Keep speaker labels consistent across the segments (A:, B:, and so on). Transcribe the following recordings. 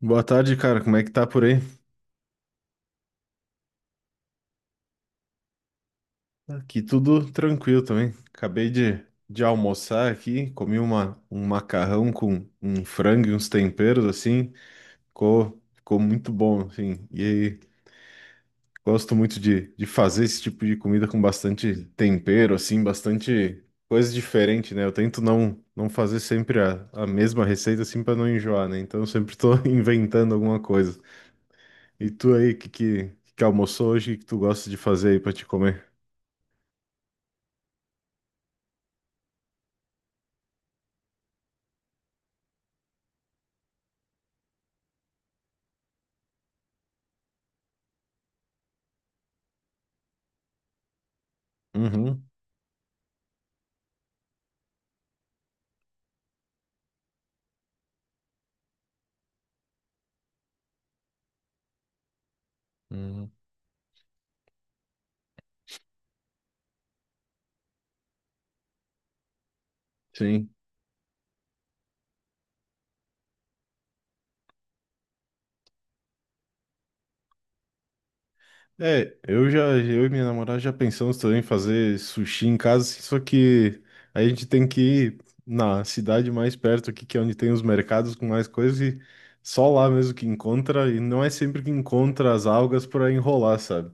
A: Boa tarde, cara. Como é que tá por aí? Aqui tudo tranquilo também. Acabei de almoçar aqui, comi um macarrão com um frango e uns temperos, assim. Ficou muito bom, assim. E aí, gosto muito de fazer esse tipo de comida com bastante tempero, assim, bastante coisa diferente, né? Eu tento não fazer sempre a mesma receita, assim, pra não enjoar, né? Então eu sempre tô inventando alguma coisa. E tu aí, que almoçou hoje? O que tu gosta de fazer aí pra te comer? Uhum. Uhum. Sim. É, eu já, eu e minha namorada já pensamos também em fazer sushi em casa, assim, só que a gente tem que ir na cidade mais perto aqui, que é onde tem os mercados com mais coisas, e só lá mesmo que encontra, e não é sempre que encontra as algas para enrolar, sabe?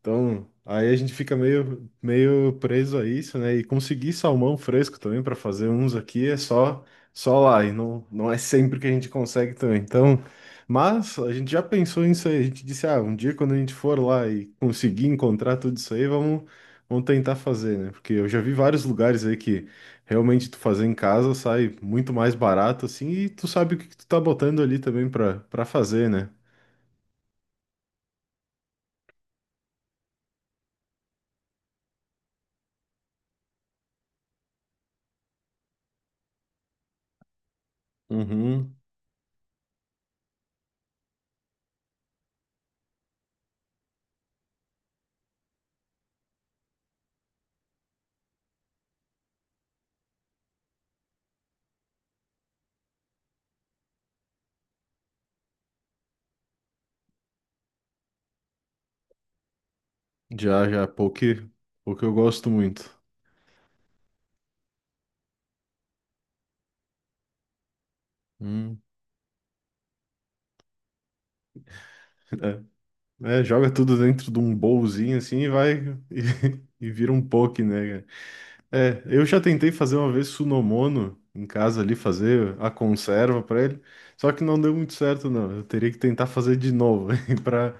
A: Então, aí a gente fica meio preso a isso, né? E conseguir salmão fresco também para fazer uns aqui é só lá, e não é sempre que a gente consegue também. Então, mas a gente já pensou nisso aí, a gente disse, ah, um dia quando a gente for lá e conseguir encontrar tudo isso aí, vamos tentar fazer, né? Porque eu já vi vários lugares aí que realmente tu fazer em casa sai muito mais barato assim, e tu sabe o que que tu tá botando ali também para fazer, né? Uhum. Já, poke, poke eu gosto muito. Hum, joga tudo dentro de um bowlzinho assim e vai e vira um poke, né, cara? É, eu já tentei fazer uma vez Sunomono em casa ali, fazer a conserva pra ele, só que não deu muito certo, não. Eu teria que tentar fazer de novo para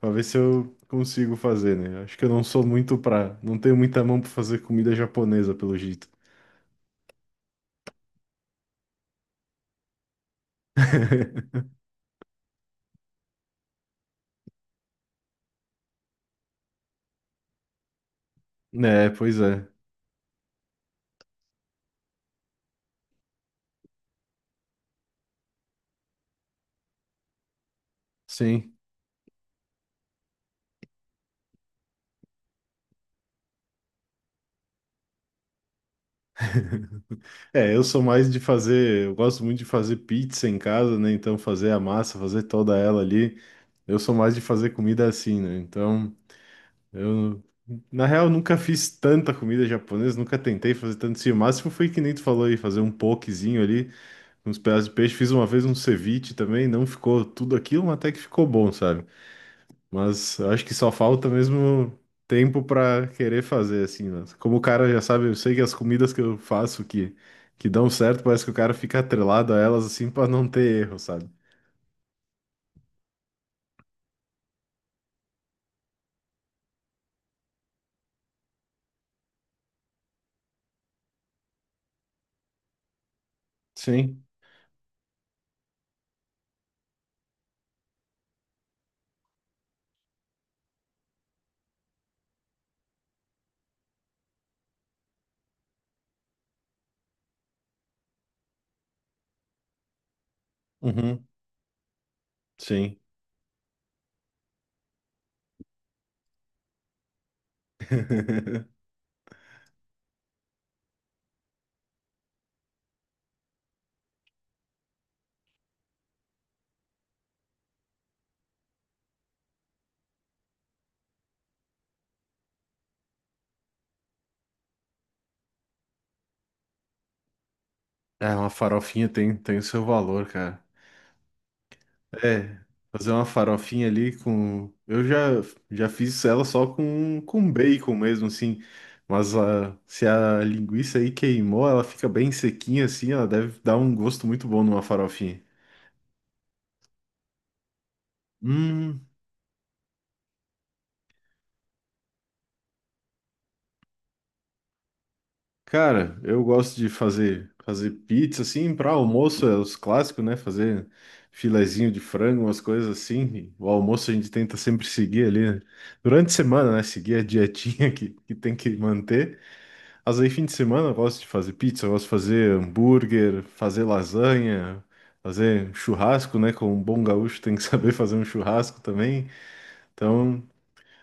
A: para ver se eu consigo fazer, né? Acho que eu não sou muito pra, não tenho muita mão pra fazer comida japonesa, pelo jeito. É, pois é. Sim. É, eu sou mais de fazer, eu gosto muito de fazer pizza em casa, né? Então fazer a massa, fazer toda ela ali. Eu sou mais de fazer comida assim, né? Então, eu na real nunca fiz tanta comida japonesa, nunca tentei fazer tanto assim. O máximo foi que nem tu falou aí, fazer um pokezinho ali, uns pedaços de peixe. Fiz uma vez um ceviche também, não ficou tudo aquilo, mas até que ficou bom, sabe? Mas eu acho que só falta mesmo tempo pra querer fazer, assim, né? Como o cara já sabe, eu sei que as comidas que eu faço que dão certo, parece que o cara fica atrelado a elas, assim, pra não ter erro, sabe? Sim. Uhum. Sim. É, uma farofinha tem o seu valor, cara. É, fazer uma farofinha ali com. Eu já, já fiz ela só com bacon mesmo, assim. Mas a, se a linguiça aí queimou, ela fica bem sequinha assim, ela deve dar um gosto muito bom numa farofinha. Hum, cara, eu gosto de fazer pizza assim para almoço, é os clássicos, né? Fazer filezinho de frango, umas coisas assim. O almoço a gente tenta sempre seguir ali, né? Durante a semana, né? Seguir a dietinha que tem que manter. Mas aí, fim de semana, eu gosto de fazer pizza, eu gosto de fazer hambúrguer, fazer lasanha, fazer churrasco, né? Como um bom gaúcho tem que saber fazer um churrasco também. Então,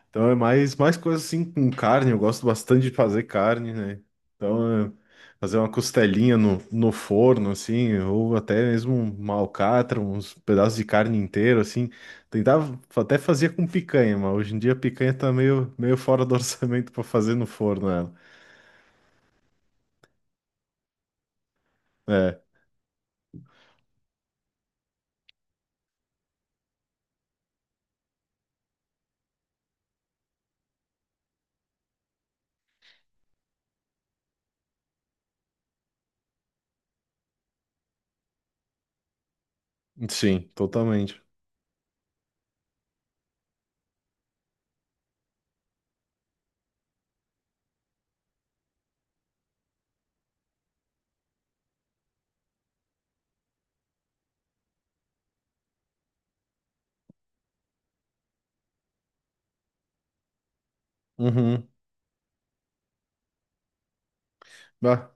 A: então é mais coisa assim com carne, eu gosto bastante de fazer carne, né? Então, é fazer uma costelinha no forno, assim, ou até mesmo uma alcatra, uns pedaços de carne inteiro, assim. Tentava, até fazia com picanha, mas hoje em dia a picanha tá meio fora do orçamento para fazer no forno ela. É. Sim, totalmente. Uhum. Bah.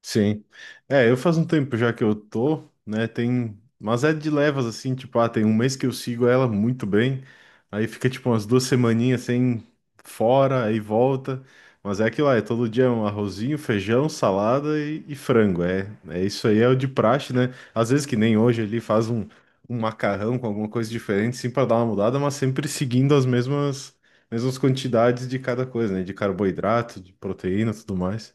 A: Sim. É, eu faz um tempo já que eu tô, né? Tem. Mas é de levas, assim, tipo, ah, tem um mês que eu sigo ela muito bem. Aí fica, tipo, umas duas semaninhas sem fora, aí volta. Mas é aquilo lá, é todo dia um arrozinho, feijão, salada e frango. É, é isso aí, é o de praxe, né? Às vezes que nem hoje ele faz um, um macarrão com alguma coisa diferente, sim, pra dar uma mudada, mas sempre seguindo mesmas quantidades de cada coisa, né? De carboidrato, de proteína, tudo mais.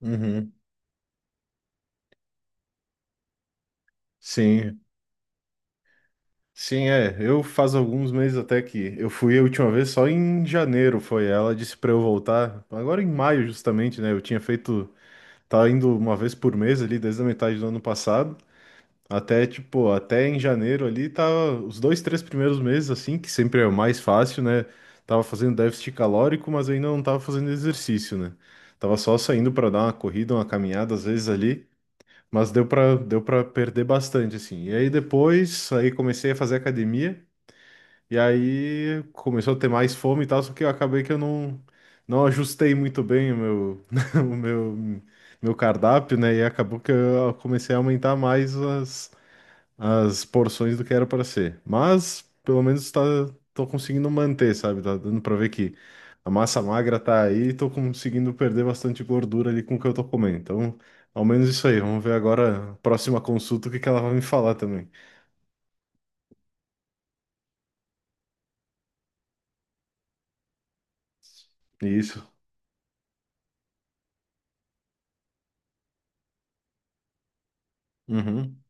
A: Sim, sim, é. Eu faz alguns meses até que eu fui a última vez só em janeiro, foi. Ela disse pra eu voltar agora em maio justamente, né? Eu tinha feito, tava indo uma vez por mês ali desde a metade do ano passado até em janeiro ali tava os dois, três primeiros meses assim que sempre é o mais fácil, né? Tava fazendo déficit calórico, mas ainda não tava fazendo exercício, né? Tava só saindo pra dar uma corrida, uma caminhada às vezes ali. Mas deu para perder bastante, assim. E aí depois, aí comecei a fazer academia, e aí começou a ter mais fome e tal, só que eu acabei que eu não, não ajustei muito bem o o meu, meu cardápio, né? E acabou que eu comecei a aumentar mais as, as porções do que era para ser. Mas pelo menos tá, tô conseguindo manter, sabe? Tá dando para ver que a massa magra tá aí e tô conseguindo perder bastante gordura ali com o que eu tô comendo. Então, ao menos isso aí. Vamos ver agora a próxima consulta o que que ela vai me falar também. Isso. Uhum.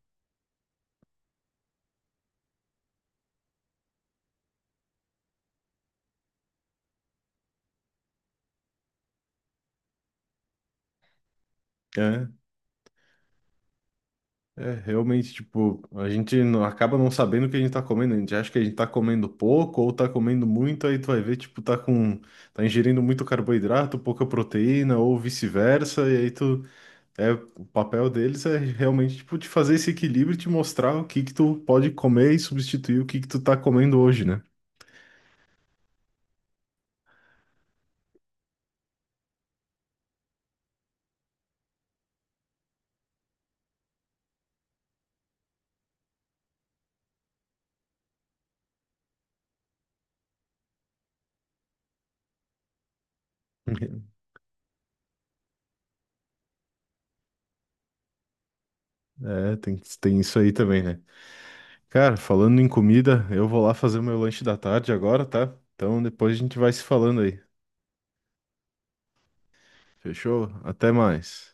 A: É. É, realmente, tipo, a gente não- acaba não sabendo o que a gente tá comendo. A gente acha que a gente tá comendo pouco ou tá comendo muito, aí tu vai ver, tipo, tá ingerindo muito carboidrato, pouca proteína ou vice-versa, e aí tu É, o papel deles é realmente tipo de fazer esse equilíbrio e te mostrar o que que tu pode comer e substituir o que que tu tá comendo hoje, né? É, tem isso aí também, né? Cara, falando em comida, eu vou lá fazer o meu lanche da tarde agora, tá? Então depois a gente vai se falando aí. Fechou? Até mais.